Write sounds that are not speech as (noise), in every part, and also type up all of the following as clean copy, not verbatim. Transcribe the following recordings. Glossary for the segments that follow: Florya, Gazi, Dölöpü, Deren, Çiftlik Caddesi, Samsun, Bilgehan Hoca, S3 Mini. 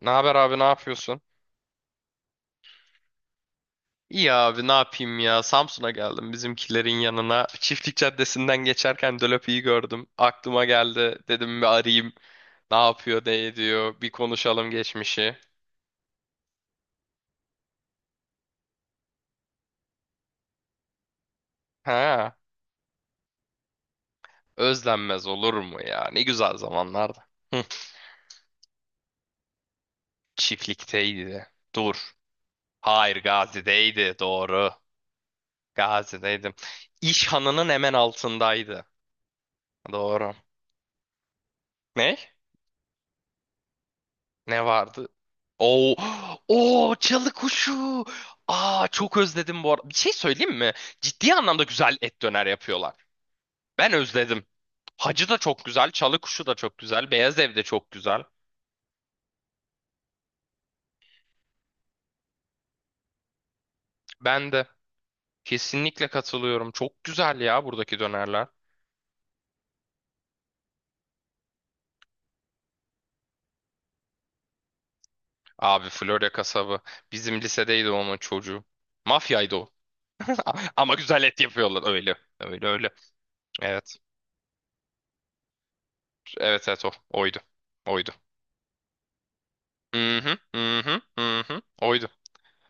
Ne haber abi, ne yapıyorsun? İyi abi, ne yapayım ya, Samsun'a geldim bizimkilerin yanına. Çiftlik Caddesi'nden geçerken Dölöpü'yü gördüm. Aklıma geldi, dedim bir arayayım. Ne yapıyor ne ediyor, bir konuşalım geçmişi. Ha, özlenmez olur mu ya, ne güzel zamanlardı. Hı, çiftlikteydi. Dur. Hayır, Gazi'deydi doğru. Gazi'deydim. İş hemen altındaydı. Doğru. Ne? Ne vardı? Oo, (gasps) oo çalı kuşu. Aa, çok özledim bu arada. Bir şey söyleyeyim mi? Ciddi anlamda güzel et döner yapıyorlar. Ben özledim. Hacı da çok güzel, çalı kuşu da çok güzel, beyaz ev de çok güzel. Ben de kesinlikle katılıyorum. Çok güzel ya buradaki dönerler. Abi Florya kasabı. Bizim lisedeydi onun çocuğu. Mafyaydı o. (laughs) Ama güzel et yapıyorlar. Öyle. Öyle öyle. Evet. Evet evet o. Oydu. Oydu. Hı hı hı hı hı hı. Oydu.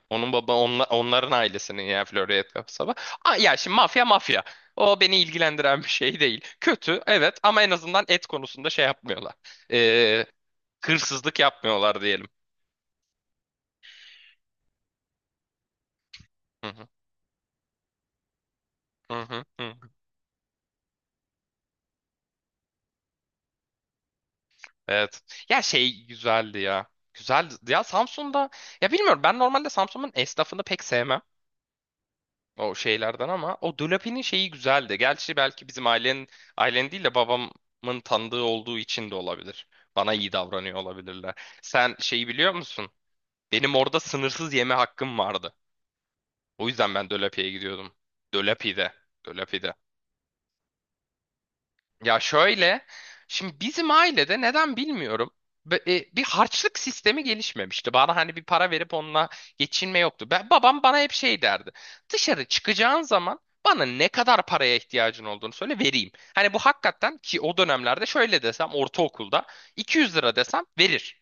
Onların ailesinin yani Florya Kapsaba. Aa, ya şimdi mafya mafya. O beni ilgilendiren bir şey değil. Kötü evet, ama en azından et konusunda şey yapmıyorlar. Ee, Hırsızlık yapmıyorlar diyelim. Hı hı, hı hı, hı. Evet. Ya şey güzeldi ya. Güzeldi. Ya Samsun'da, ya bilmiyorum, ben normalde Samsun'un esnafını pek sevmem. O şeylerden, ama o Dolapi'nin şeyi güzeldi. Gerçi belki bizim ailenin, ailen değil de babamın tanıdığı olduğu için de olabilir. Bana iyi davranıyor olabilirler. Sen şeyi biliyor musun? Benim orada sınırsız yeme hakkım vardı. O yüzden ben Dolapi'ye gidiyordum. Dolapi'de. Dolapi'de. Ya şöyle, şimdi bizim ailede neden bilmiyorum. Bir harçlık sistemi gelişmemişti. Bana hani bir para verip onunla geçinme yoktu. Babam bana hep şey derdi. Dışarı çıkacağın zaman bana ne kadar paraya ihtiyacın olduğunu söyle, vereyim. Hani bu hakikaten, ki o dönemlerde şöyle desem, ortaokulda 200 lira desem verir.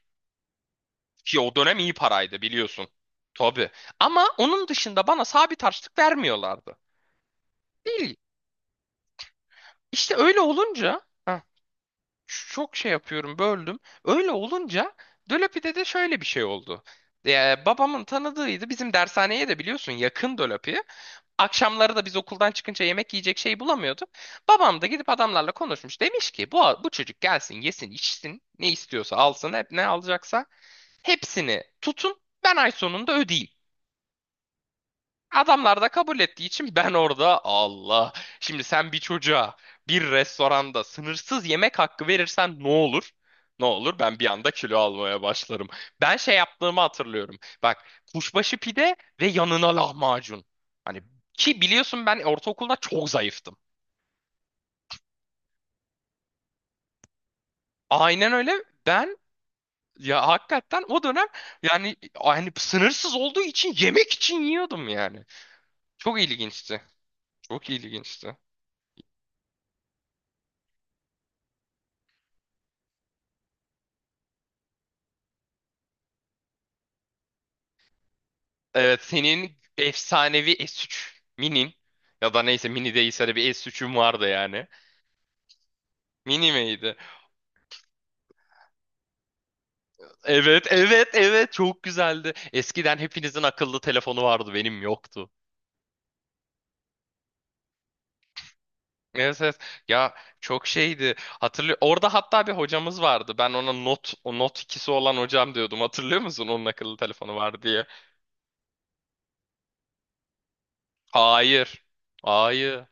Ki o dönem iyi paraydı biliyorsun. Tabii. Ama onun dışında bana sabit harçlık vermiyorlardı. Değil. İşte öyle olunca... Heh. Çok şey yapıyorum, böldüm. Öyle olunca Dölapi'de de şöyle bir şey oldu. Babamın tanıdığıydı. Bizim dershaneye de biliyorsun yakın Dölapi. Akşamları da biz okuldan çıkınca yemek yiyecek şey bulamıyorduk. Babam da gidip adamlarla konuşmuş. Demiş ki bu çocuk gelsin yesin içsin, ne istiyorsa alsın, hep ne alacaksa hepsini tutun, ben ay sonunda ödeyeyim. Adamlar da kabul ettiği için ben orada Allah. Şimdi sen bir çocuğa bir restoranda sınırsız yemek hakkı verirsen ne olur? Ne olur? Ben bir anda kilo almaya başlarım. Ben şey yaptığımı hatırlıyorum. Bak, kuşbaşı pide ve yanına lahmacun. Hani, ki biliyorsun ben ortaokulda çok zayıftım. Aynen öyle. Ben ya hakikaten o dönem, yani hani sınırsız olduğu için yemek için yiyordum yani. Çok ilginçti. Çok ilginçti. Evet, senin efsanevi S3 Mini'nin, ya da neyse Mini değilse de bir S3'üm vardı yani. Mini miydi? Evet evet evet, çok güzeldi. Eskiden hepinizin akıllı telefonu vardı, benim yoktu. Evet, evet. Ya çok şeydi. Hatırlıyor. Orada hatta bir hocamız vardı. Ben ona not o not ikisi olan hocam diyordum. Hatırlıyor musun? Onun akıllı telefonu var diye. Hayır. Hayır.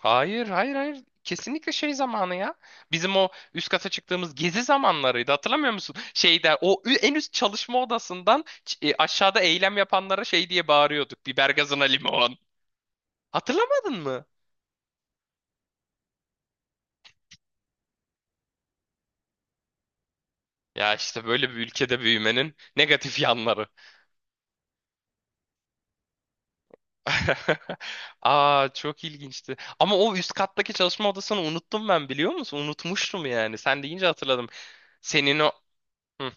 Hayır, hayır, hayır. Kesinlikle şey zamanı ya. Bizim o üst kata çıktığımız gezi zamanlarıydı. Hatırlamıyor musun? Şeyde o en üst çalışma odasından aşağıda eylem yapanlara şey diye bağırıyorduk. Biber gazına limon. Hatırlamadın mı? Ya işte böyle bir ülkede büyümenin negatif yanları. (laughs) Aa, çok ilginçti. Ama o üst kattaki çalışma odasını unuttum ben, biliyor musun? Unutmuştum yani. Sen deyince hatırladım. Senin o... Hı.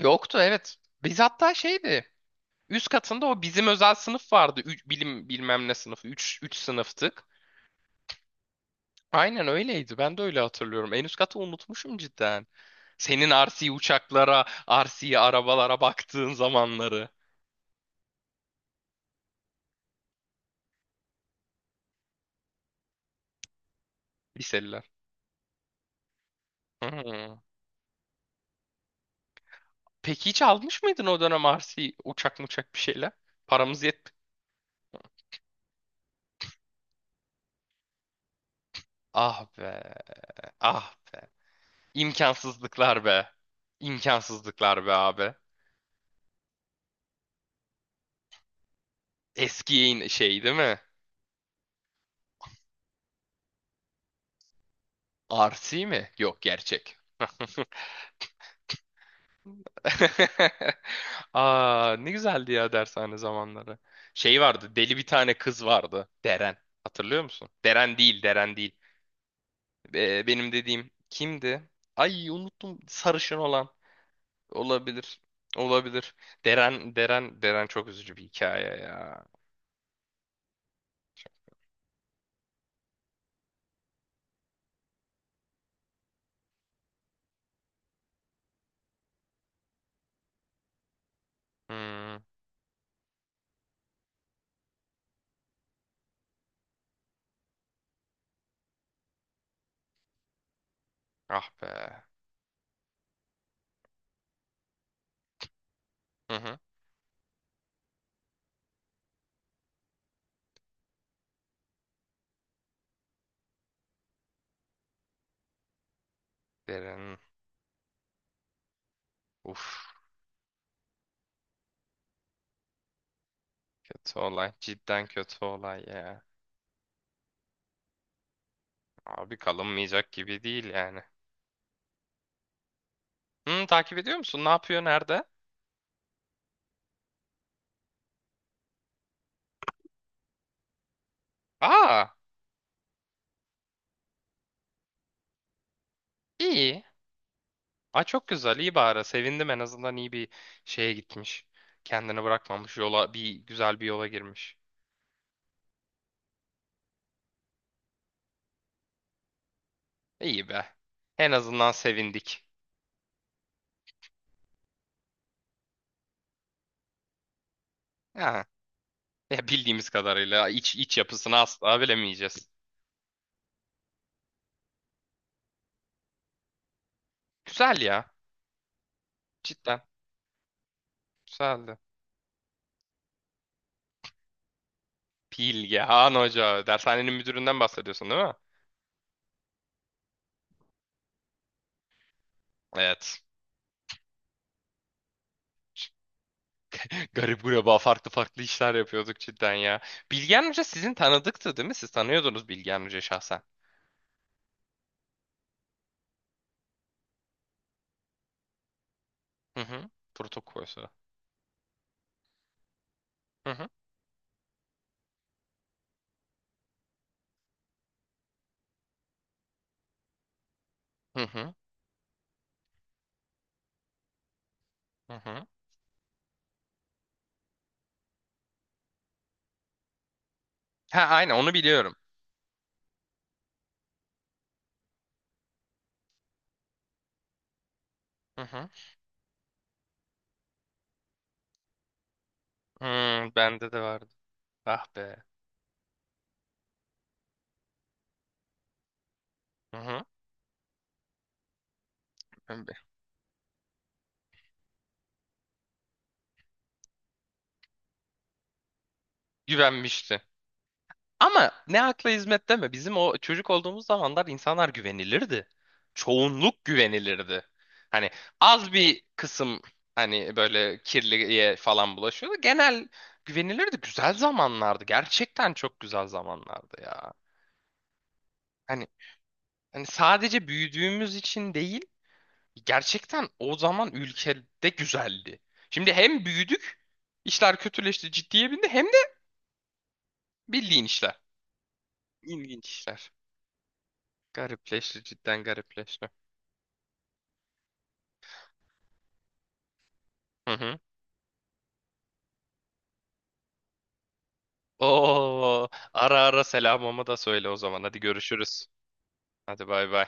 Yoktu evet. Biz hatta şeydi. Üst katında o bizim özel sınıf vardı. Üç, bilim bilmem ne sınıfı. Üç 3 sınıftık. Aynen öyleydi. Ben de öyle hatırlıyorum. En üst katı unutmuşum cidden. Senin RC uçaklara, RC arabalara baktığın zamanları. Liseliler. Hmm. Peki hiç almış mıydın o dönem RC uçak muçak bir şeyler? Paramız yet. Ah be. Ah be. İmkansızlıklar be. İmkansızlıklar be abi. Eski yayın şey değil mi? RC mi? Yok, gerçek. (laughs) (laughs) Aa, ne güzeldi ya dershane zamanları. Şey vardı, deli bir tane kız vardı. Deren. Hatırlıyor musun? Deren değil, Deren değil. Benim dediğim kimdi? Ay, unuttum. Sarışın olan. Olabilir. Olabilir. Deren, Deren, Deren çok üzücü bir hikaye ya. Hmm, ah be. Hı hı. Deren. Uf. Kötü olay. Cidden kötü olay ya. Abi kalınmayacak gibi değil yani. Hı, takip ediyor musun? Ne yapıyor? Nerede? Aa! İyi. Ay çok güzel. İyi bari. Sevindim, en azından iyi bir şeye gitmiş. Kendini bırakmamış. Yola, bir güzel bir yola girmiş. İyi be. En azından sevindik. Ha. Ya bildiğimiz kadarıyla, iç yapısını asla bilemeyeceğiz. Güzel ya. Cidden. Güzeldi. Bilgehan Hoca. Dershanenin müdüründen bahsediyorsun değil mi? Evet. (laughs) Garip gureba farklı farklı işler yapıyorduk cidden ya. Bilgehan Hoca sizin tanıdıktı değil mi? Siz tanıyordunuz Bilgehan Hoca şahsen. Hı hı. Protokol. Hı hı. Hı hı. Hı hı. Ha, aynen onu biliyorum. Hı hı. Hmm, bende de vardı. Ah be. Hı hı. Ben de- Güvenmişti. Ama ne akla hizmet deme. Bizim o çocuk olduğumuz zamanlar insanlar güvenilirdi. Çoğunluk güvenilirdi. Hani az bir kısım hani böyle kirliye falan bulaşıyordu. Genel güvenilirdi. Güzel zamanlardı. Gerçekten çok güzel zamanlardı ya. Hani hani sadece büyüdüğümüz için değil, gerçekten o zaman ülkede güzeldi. Şimdi hem büyüdük, işler kötüleşti, ciddiye bindi, hem de bildiğin işler. İlginç işler. Garipleşti, cidden garipleşti. Hı hı. Oo, ara ara selamımı da söyle o zaman. Hadi görüşürüz. Hadi bay bay.